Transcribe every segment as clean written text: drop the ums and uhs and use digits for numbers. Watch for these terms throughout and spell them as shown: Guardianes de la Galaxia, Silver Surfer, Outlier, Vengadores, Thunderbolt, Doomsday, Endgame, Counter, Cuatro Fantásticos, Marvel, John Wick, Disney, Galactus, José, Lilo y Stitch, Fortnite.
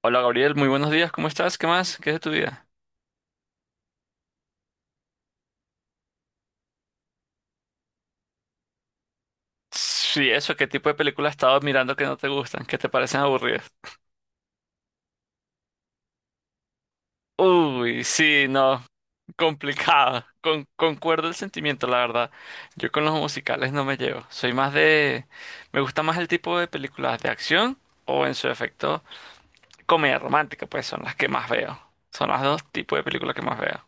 Hola Gabriel, muy buenos días, ¿cómo estás? ¿Qué más? ¿Qué es de tu vida? Sí, eso, ¿qué tipo de películas has estado mirando que no te gustan, que te parecen aburridas? Uy, sí, no, complicado. Concuerdo el sentimiento, la verdad. Yo con los musicales no me llevo. Me gusta más el tipo de películas de acción o en su efecto comedia romántica, pues son las que más veo. Son los dos tipos de películas que más veo.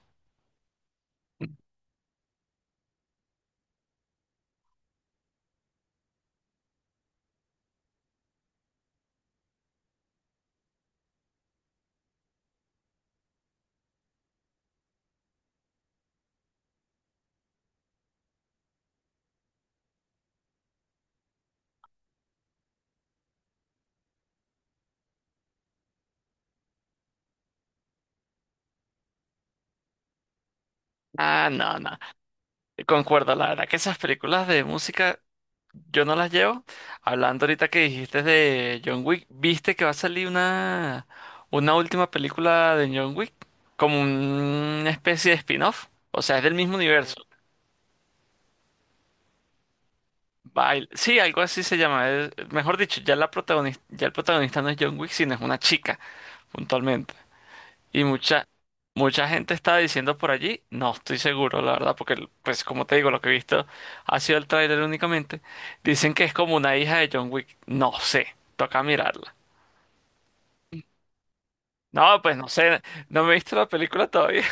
Ah, no, no. Concuerdo, la verdad, que esas películas de música yo no las llevo. Hablando ahorita que dijiste de John Wick, ¿viste que va a salir una última película de John Wick? Como una especie de spin-off. O sea, es del mismo universo. Sí, algo así se llama. Mejor dicho, ya el protagonista no es John Wick, sino es una chica, puntualmente. Y mucha gente está diciendo por allí, no estoy seguro, la verdad, porque pues como te digo, lo que he visto ha sido el tráiler únicamente. Dicen que es como una hija de John Wick. No sé, toca mirarlo. No, pues no sé, no me he visto la película todavía,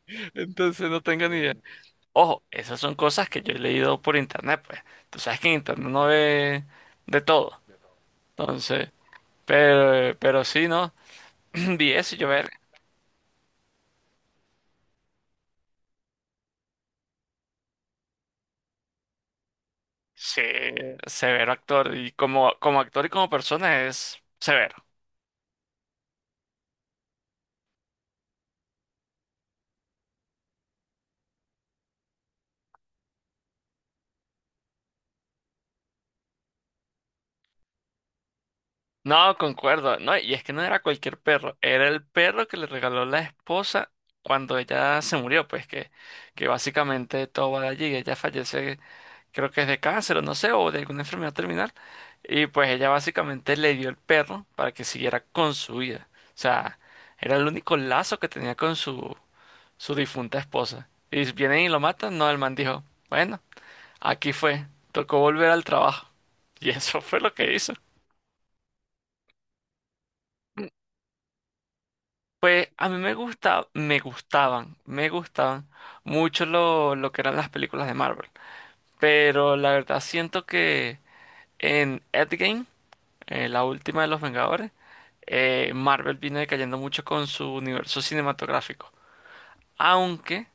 entonces no tengo ni idea. Ojo, esas son cosas que yo he leído por internet, pues. Tú sabes que en internet uno ve de todo. Entonces, pero sí, ¿no? Vi eso y yo ver. Sí, severo actor. Y como actor y como persona es severo. No, concuerdo. No, y es que no era cualquier perro, era el perro que le regaló la esposa cuando ella se murió, que básicamente todo va de allí, ella fallece creo que es de cáncer o no sé, o de alguna enfermedad terminal. Y pues ella básicamente le dio el perro para que siguiera con su vida. O sea, era el único lazo que tenía con su difunta esposa. Y si vienen y lo matan, no, el man dijo, bueno, aquí fue, tocó volver al trabajo. Y eso fue lo que hizo. Pues a mí me gusta, me gustaban mucho lo que eran las películas de Marvel. Pero la verdad siento que en Endgame, la última de los Vengadores, Marvel vino decayendo mucho con su universo cinematográfico. Aunque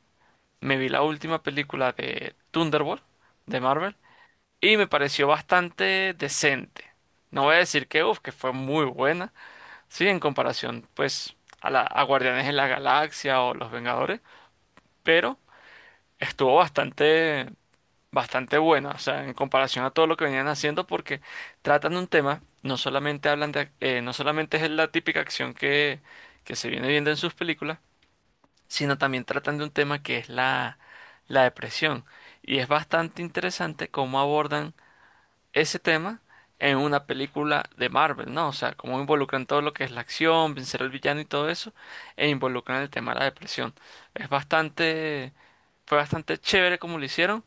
me vi la última película de Thunderbolt de Marvel y me pareció bastante decente. No voy a decir que, uf, que fue muy buena, sí, en comparación pues a Guardianes de la Galaxia o Los Vengadores, pero estuvo bastante buena, o sea, en comparación a todo lo que venían haciendo, porque tratan un tema, no solamente hablan de, no solamente es la típica acción que se viene viendo en sus películas, sino también tratan de un tema que es la depresión. Y es bastante interesante cómo abordan ese tema en una película de Marvel, ¿no? O sea, cómo involucran todo lo que es la acción, vencer al villano y todo eso, e involucran el tema de la depresión. Es fue bastante chévere como lo hicieron.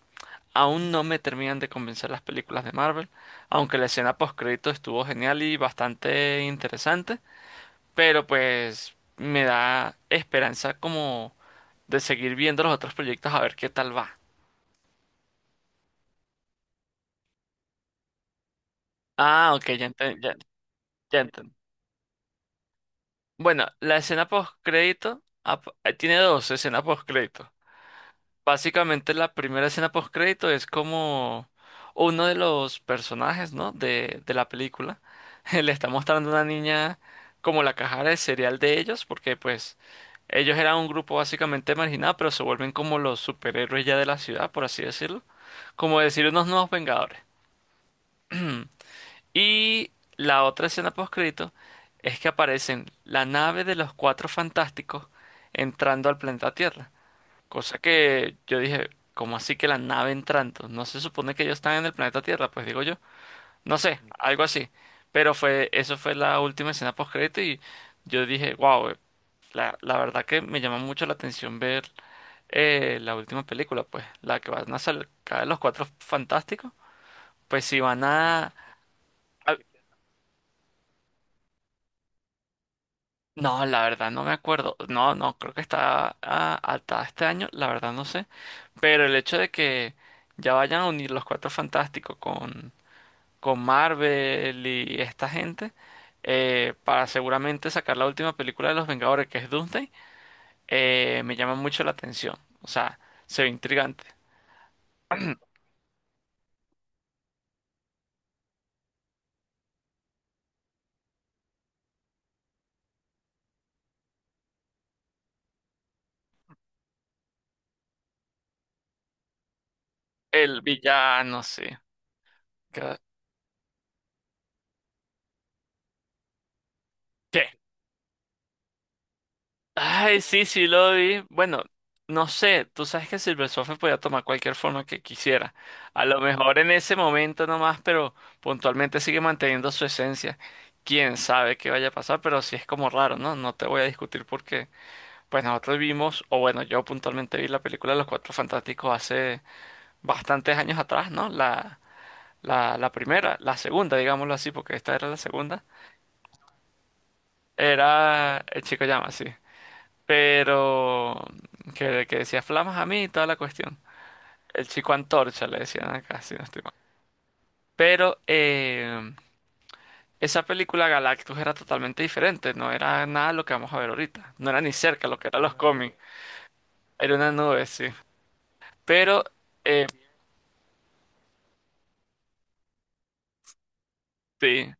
Aún no me terminan de convencer las películas de Marvel, aunque la escena postcrédito estuvo genial y bastante interesante, pero pues me da esperanza como de seguir viendo los otros proyectos a ver qué tal va. Ah, ok, ya enten- bueno, la escena postcrédito tiene dos escenas postcrédito. Básicamente la primera escena post crédito es como uno de los personajes, ¿no? De la película. Le está mostrando a una niña como la cajara de cereal de ellos, porque pues ellos eran un grupo básicamente marginado, pero se vuelven como los superhéroes ya de la ciudad, por así decirlo. Como decir unos nuevos Vengadores. Y la otra escena post crédito es que aparecen la nave de los Cuatro Fantásticos entrando al planeta Tierra. Cosa que yo dije, ¿cómo así que la nave entrando? No se supone que ellos están en el planeta Tierra, pues digo yo. No sé, algo así. Pero eso fue la última escena post y yo dije, wow, la verdad que me llama mucho la atención ver la última película, pues, la que van a sacar los Cuatro Fantásticos, pues si van a no, la verdad no me acuerdo. No, no, creo que está ah, hasta este año, la verdad no sé. Pero el hecho de que ya vayan a unir los Cuatro Fantásticos con Marvel y esta gente, para seguramente sacar la última película de los Vengadores, que es Doomsday, me llama mucho la atención. O sea, se ve intrigante. El villano, sí. ¿Qué? ¿Qué? Ay, sí, sí lo vi. Bueno, no sé, tú sabes que Silver Surfer podía tomar cualquier forma que quisiera. A lo mejor en ese momento nomás, pero puntualmente sigue manteniendo su esencia. Quién sabe qué vaya a pasar, pero sí es como raro, ¿no? No te voy a discutir porque, pues nosotros vimos, o bueno, yo puntualmente vi la película de Los Cuatro Fantásticos hace bastantes años atrás, ¿no? La primera, la segunda, digámoslo así, porque esta era la segunda. Era El Chico Llama, sí. Pero que decía flamas a mí y toda la cuestión. El chico antorcha le decían acá, si no estoy mal. Pero esa película Galactus era totalmente diferente, no era nada lo que vamos a ver ahorita. No era ni cerca lo que eran los cómics. Era una nube, sí. Pero, eh, sí.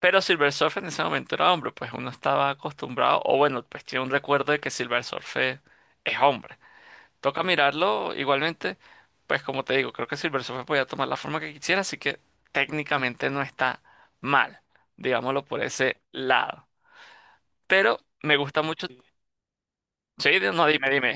Pero Silver Surfer en ese momento era hombre, pues uno estaba acostumbrado, o bueno, pues tiene un recuerdo de que Silver Surfer es hombre. Toca mirarlo igualmente. Pues como te digo, creo que Silver Surfer podía tomar la forma que quisiera, así que técnicamente no está mal, digámoslo por ese lado. Pero me gusta mucho. Sí, no, dime.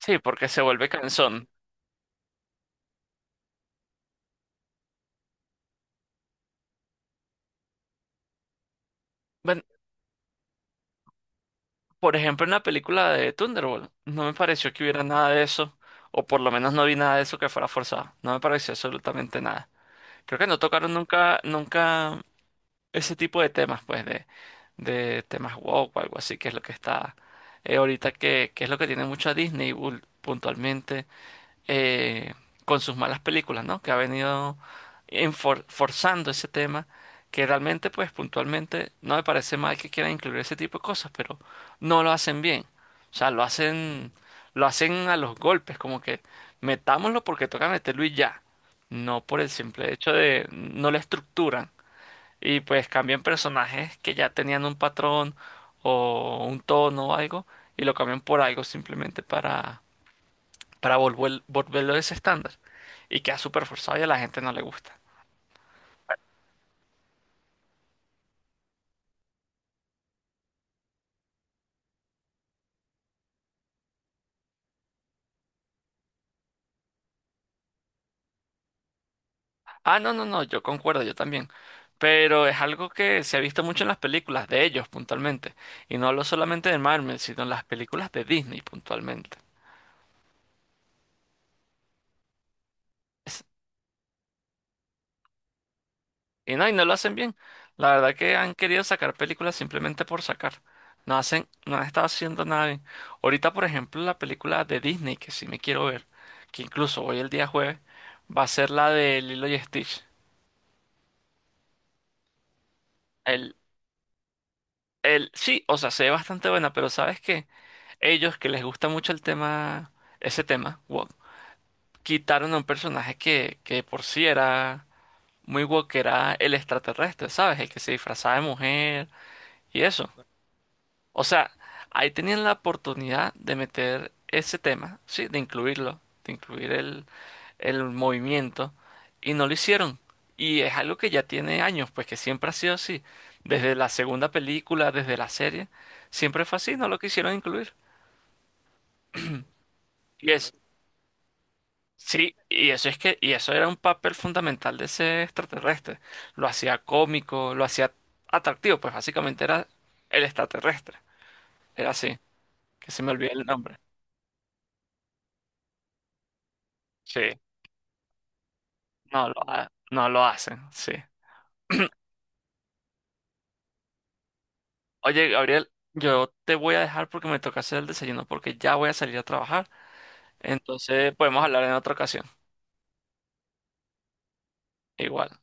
Sí, porque se vuelve cansón. Bueno, por ejemplo, en la película de Thunderbolt, no me pareció que hubiera nada de eso, o por lo menos no vi nada de eso que fuera forzado. No me pareció absolutamente nada. Creo que no tocaron nunca ese tipo de temas, pues, de temas woke o algo así, que es lo que está ahorita, que es lo que tiene mucho a Disney puntualmente, eh, con sus malas películas, ¿no? Que ha venido forzando ese tema, que realmente, pues, puntualmente no me parece mal que quieran incluir ese tipo de cosas, pero no lo hacen bien. O sea, lo hacen a los golpes, como que metámoslo porque toca meterlo y ya. No por el simple hecho de, no la estructuran y pues cambian personajes que ya tenían un patrón o un tono o algo y lo cambian por algo simplemente para volverlo ese estándar y queda súper forzado y a la gente no le gusta. Ah, no, no, no, yo concuerdo, yo también. Pero es algo que se ha visto mucho en las películas de ellos puntualmente. Y no hablo solamente de Marvel, sino en las películas de Disney puntualmente. Y no lo hacen bien. La verdad que han querido sacar películas simplemente por sacar. No han estado haciendo nada bien. Ahorita, por ejemplo, la película de Disney, que sí me quiero ver, que incluso hoy el día jueves, va a ser la de Lilo y Stitch. El, sí, o sea, se ve bastante buena, pero ¿sabes qué? Ellos que les gusta mucho ese tema, woke, quitaron a un personaje que de por sí era muy woke, que era el extraterrestre, ¿sabes? El que se disfrazaba de mujer y eso. O sea, ahí tenían la oportunidad de meter ese tema, ¿sí? De incluirlo, de incluir el movimiento, y no lo hicieron. Y es algo que ya tiene años, pues que siempre ha sido así. Desde la segunda película, desde la serie, siempre fue así, no lo quisieron incluir. Y es, sí, y eso era un papel fundamental de ese extraterrestre. Lo hacía cómico, lo hacía atractivo, pues básicamente era el extraterrestre. Era así, que se me olvida el nombre. Sí. No lo hacen, sí. Oye, Gabriel, yo te voy a dejar porque me toca hacer el desayuno porque ya voy a salir a trabajar. Entonces podemos hablar en otra ocasión. Igual.